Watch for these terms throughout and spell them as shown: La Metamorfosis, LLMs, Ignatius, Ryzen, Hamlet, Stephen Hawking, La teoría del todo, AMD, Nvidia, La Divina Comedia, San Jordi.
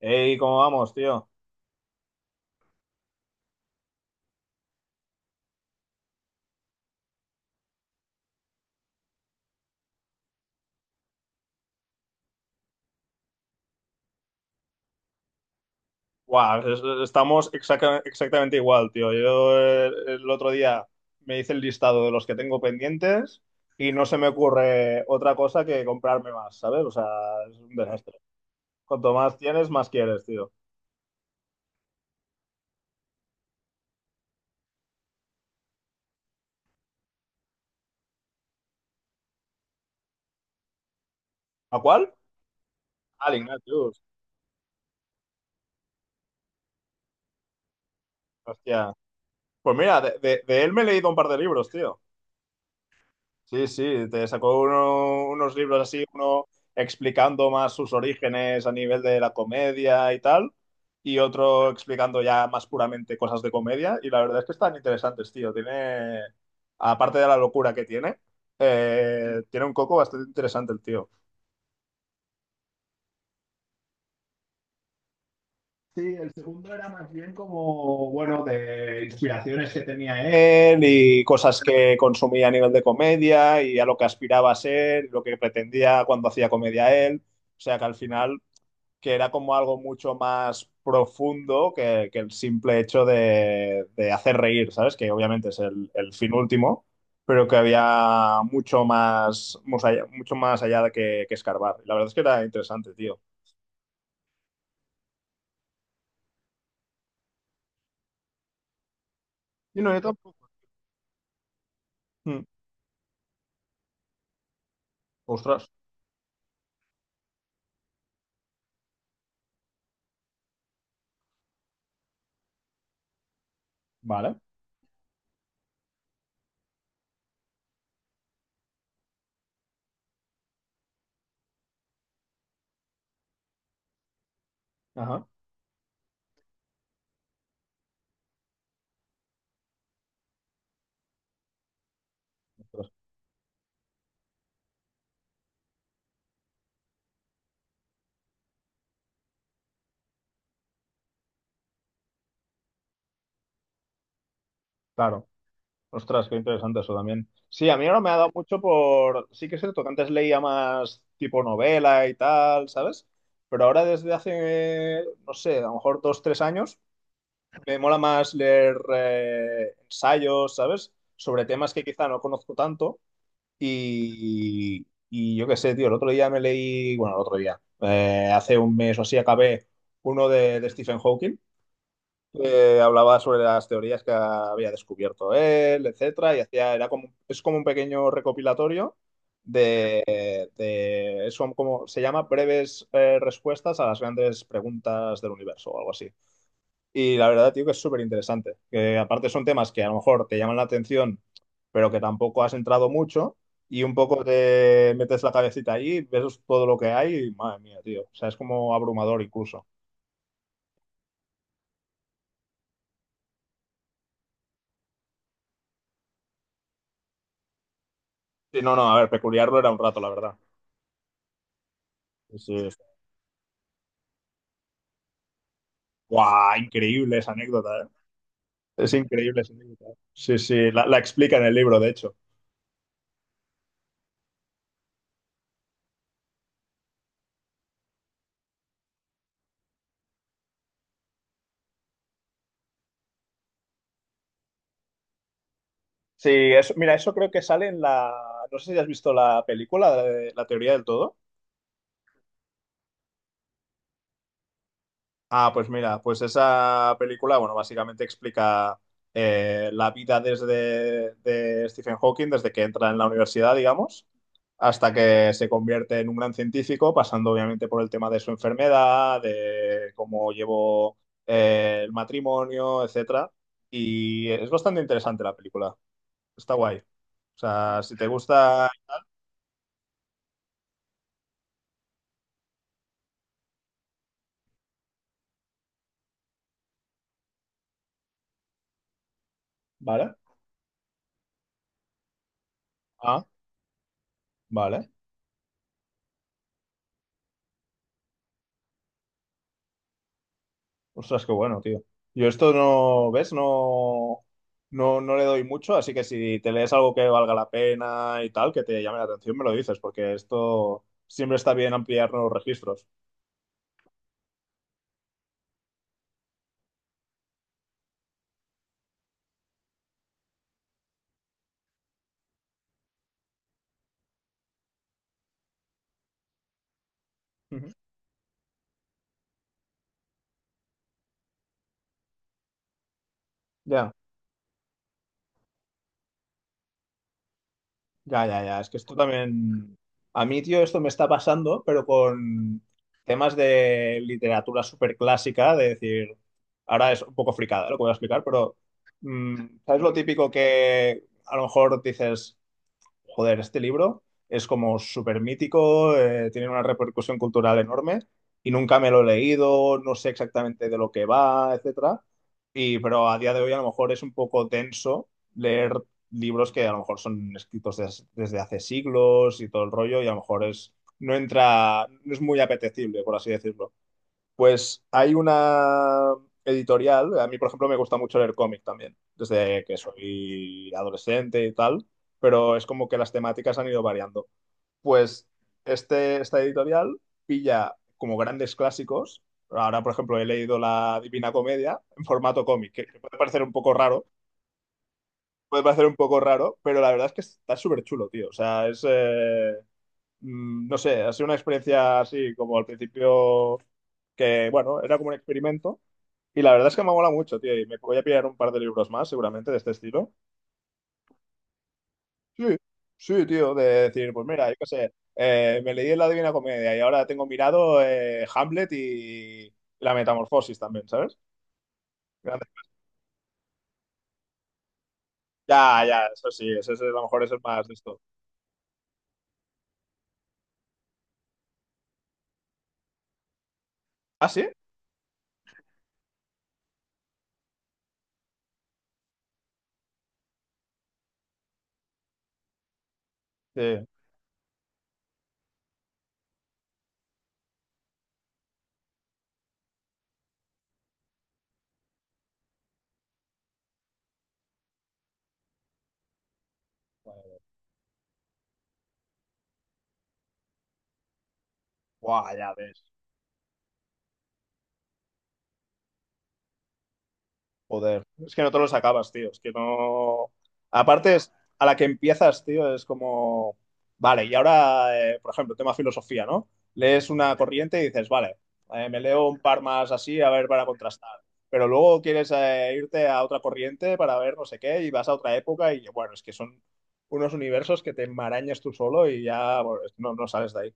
Ey, ¿cómo vamos, tío? Guau, estamos exactamente igual, tío. Yo otro día me hice el listado de los que tengo pendientes y no se me ocurre otra cosa que comprarme más, ¿sabes? O sea, es un desastre. Cuanto más tienes, más quieres, tío. ¿A cuál? Al Ignatius. Hostia. Pues mira, de él me he leído un par de libros, tío. Sí, sí, te sacó unos libros así, uno explicando más sus orígenes a nivel de la comedia y tal, y otro explicando ya más puramente cosas de comedia, y la verdad es que están interesantes, tío. Tiene, aparte de la locura que tiene, tiene un coco bastante interesante el tío. Sí, el segundo era más bien como, bueno, de inspiraciones que tenía él y cosas que consumía a nivel de comedia y a lo que aspiraba a ser, lo que pretendía cuando hacía comedia él. O sea que al final, que era como algo mucho más profundo que el simple hecho de hacer reír, ¿sabes? Que obviamente es el fin último, pero que había mucho más, mucho más allá de que escarbar. La verdad es que era interesante, tío. Y no, yo tampoco. Mm, ostras. Vale. Ajá. Ostras. Claro. Ostras, qué interesante eso también. Sí, a mí ahora me ha dado mucho por... Sí que es cierto que antes leía más tipo novela y tal, ¿sabes? Pero ahora desde hace, no sé, a lo mejor dos, tres años, me mola más leer ensayos, ¿sabes? Sobre temas que quizá no conozco tanto. Y yo qué sé, tío, el otro día me leí, bueno, el otro día, hace un mes o así acabé uno de Stephen Hawking, que hablaba sobre las teorías que había descubierto él, etcétera, y hacía, era como, es como un pequeño recopilatorio de, son como, se llama breves respuestas a las grandes preguntas del universo o algo así. Y la verdad, tío, que es súper interesante. Que aparte son temas que a lo mejor te llaman la atención, pero que tampoco has entrado mucho. Y un poco te metes la cabecita ahí, ves todo lo que hay y madre mía, tío. O sea, es como abrumador incluso. Sí, no, no, a ver, peculiarlo era un rato, la verdad. Sí, sí. ¡Guau! Increíble esa anécdota, ¿eh? Es increíble esa anécdota. Sí, sí, la explica en el libro, de hecho. Sí, eso, mira, eso creo que sale en la... No sé si has visto la película de La Teoría del Todo. Ah, pues mira, pues esa película, bueno, básicamente explica la vida desde de Stephen Hawking, desde que entra en la universidad, digamos, hasta que se convierte en un gran científico, pasando obviamente por el tema de su enfermedad, de cómo llevó el matrimonio, etcétera. Y es bastante interesante la película. Está guay. O sea, si te gusta. Vale. Ah, vale. Ostras, qué bueno, tío. Yo esto no, ¿ves? No, no le doy mucho, así que si te lees algo que valga la pena y tal, que te llame la atención, me lo dices, porque esto siempre está bien ampliar nuevos registros. Ujú. Ya, ya, ya, ya. Es que esto también. A mí, tío, esto me está pasando, pero con temas de literatura súper clásica, de decir, ahora es un poco fricada lo que voy a explicar, pero ¿sabes lo típico que a lo mejor dices? Joder, este libro es como súper mítico, tiene una repercusión cultural enorme y nunca me lo he leído, no sé exactamente de lo que va, etcétera. Y, pero a día de hoy a lo mejor es un poco denso leer libros que a lo mejor son escritos desde hace siglos y todo el rollo y a lo mejor es, no entra, no es muy apetecible, por así decirlo. Pues hay una editorial, a mí por ejemplo me gusta mucho leer cómic también, desde que soy adolescente y tal, pero es como que las temáticas han ido variando. Pues esta editorial pilla como grandes clásicos. Ahora, por ejemplo, he leído La Divina Comedia en formato cómic, que puede parecer un poco raro, puede parecer un poco raro, pero la verdad es que está súper chulo, tío. O sea, es... no sé, ha sido una experiencia así como al principio que, bueno, era como un experimento. Y la verdad es que me mola mucho, tío. Y me voy a pillar un par de libros más, seguramente, de este estilo. Sí, sí, tío. De decir, pues mira, yo qué sé, me leí La Divina Comedia y ahora tengo mirado Hamlet y La Metamorfosis también, ¿sabes? Grande. Ya, ya, eso sí, ese es, a lo mejor es el más de esto. ¿Ah, sí? Sí. Guau, ya ves. Joder, es que no te los acabas, tío. Es que no. Aparte, es, a la que empiezas, tío, es como. Vale, y ahora, por ejemplo, tema filosofía, ¿no? Lees una corriente y dices, vale, me leo un par más así, a ver, para contrastar. Pero luego quieres irte a otra corriente para ver no sé qué y vas a otra época y bueno, es que son unos universos que te enmarañas tú solo y ya bueno, no, no sales de ahí.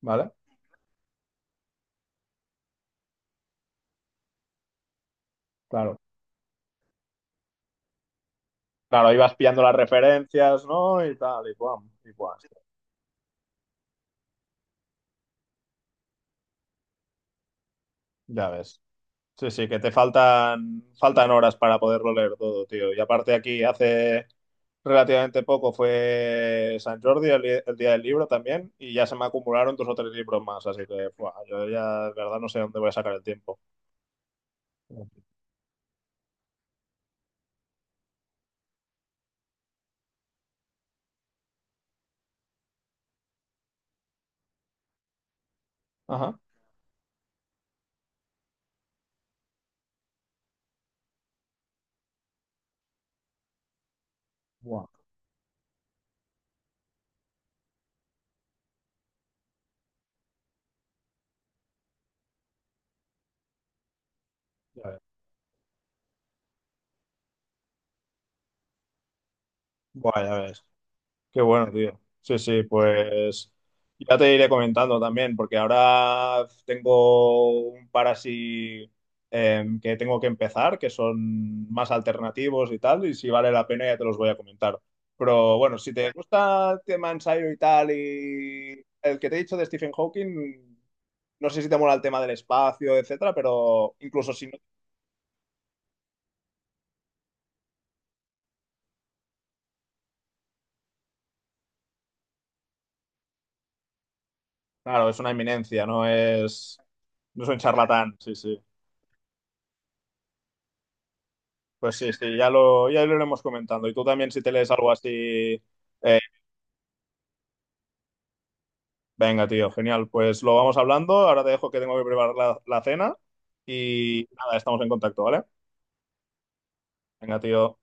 ¿Vale? Claro. Claro, ahí vas pillando las referencias, ¿no? Y tal, y guam, y guam. Ya ves. Sí, sí, que te faltan, faltan horas para poderlo leer todo, tío. Y aparte aquí hace relativamente poco fue San Jordi, el día del libro también, y ya se me acumularon dos o tres libros más, así que buah, yo ya de verdad no sé dónde voy a sacar el tiempo. Ajá. Buah, ya ves. Buah, ya ves. Qué bueno, tío. Sí, sí, pues ya te iré comentando también, porque ahora tengo un par así que tengo que empezar, que son más alternativos y tal, y si vale la pena ya te los voy a comentar. Pero bueno, si te gusta el tema ensayo y tal, y el que te he dicho de Stephen Hawking, no sé si te mola el tema del espacio, etcétera, pero incluso si no, claro, es una eminencia, no es, no es un charlatán, sí, sí. Pues sí, sí, ya lo iremos comentando. Y tú también, si te lees algo así, eh, venga, tío, genial. Pues lo vamos hablando. Ahora te dejo que tengo que preparar la cena. Y nada, estamos en contacto, ¿vale? Venga, tío.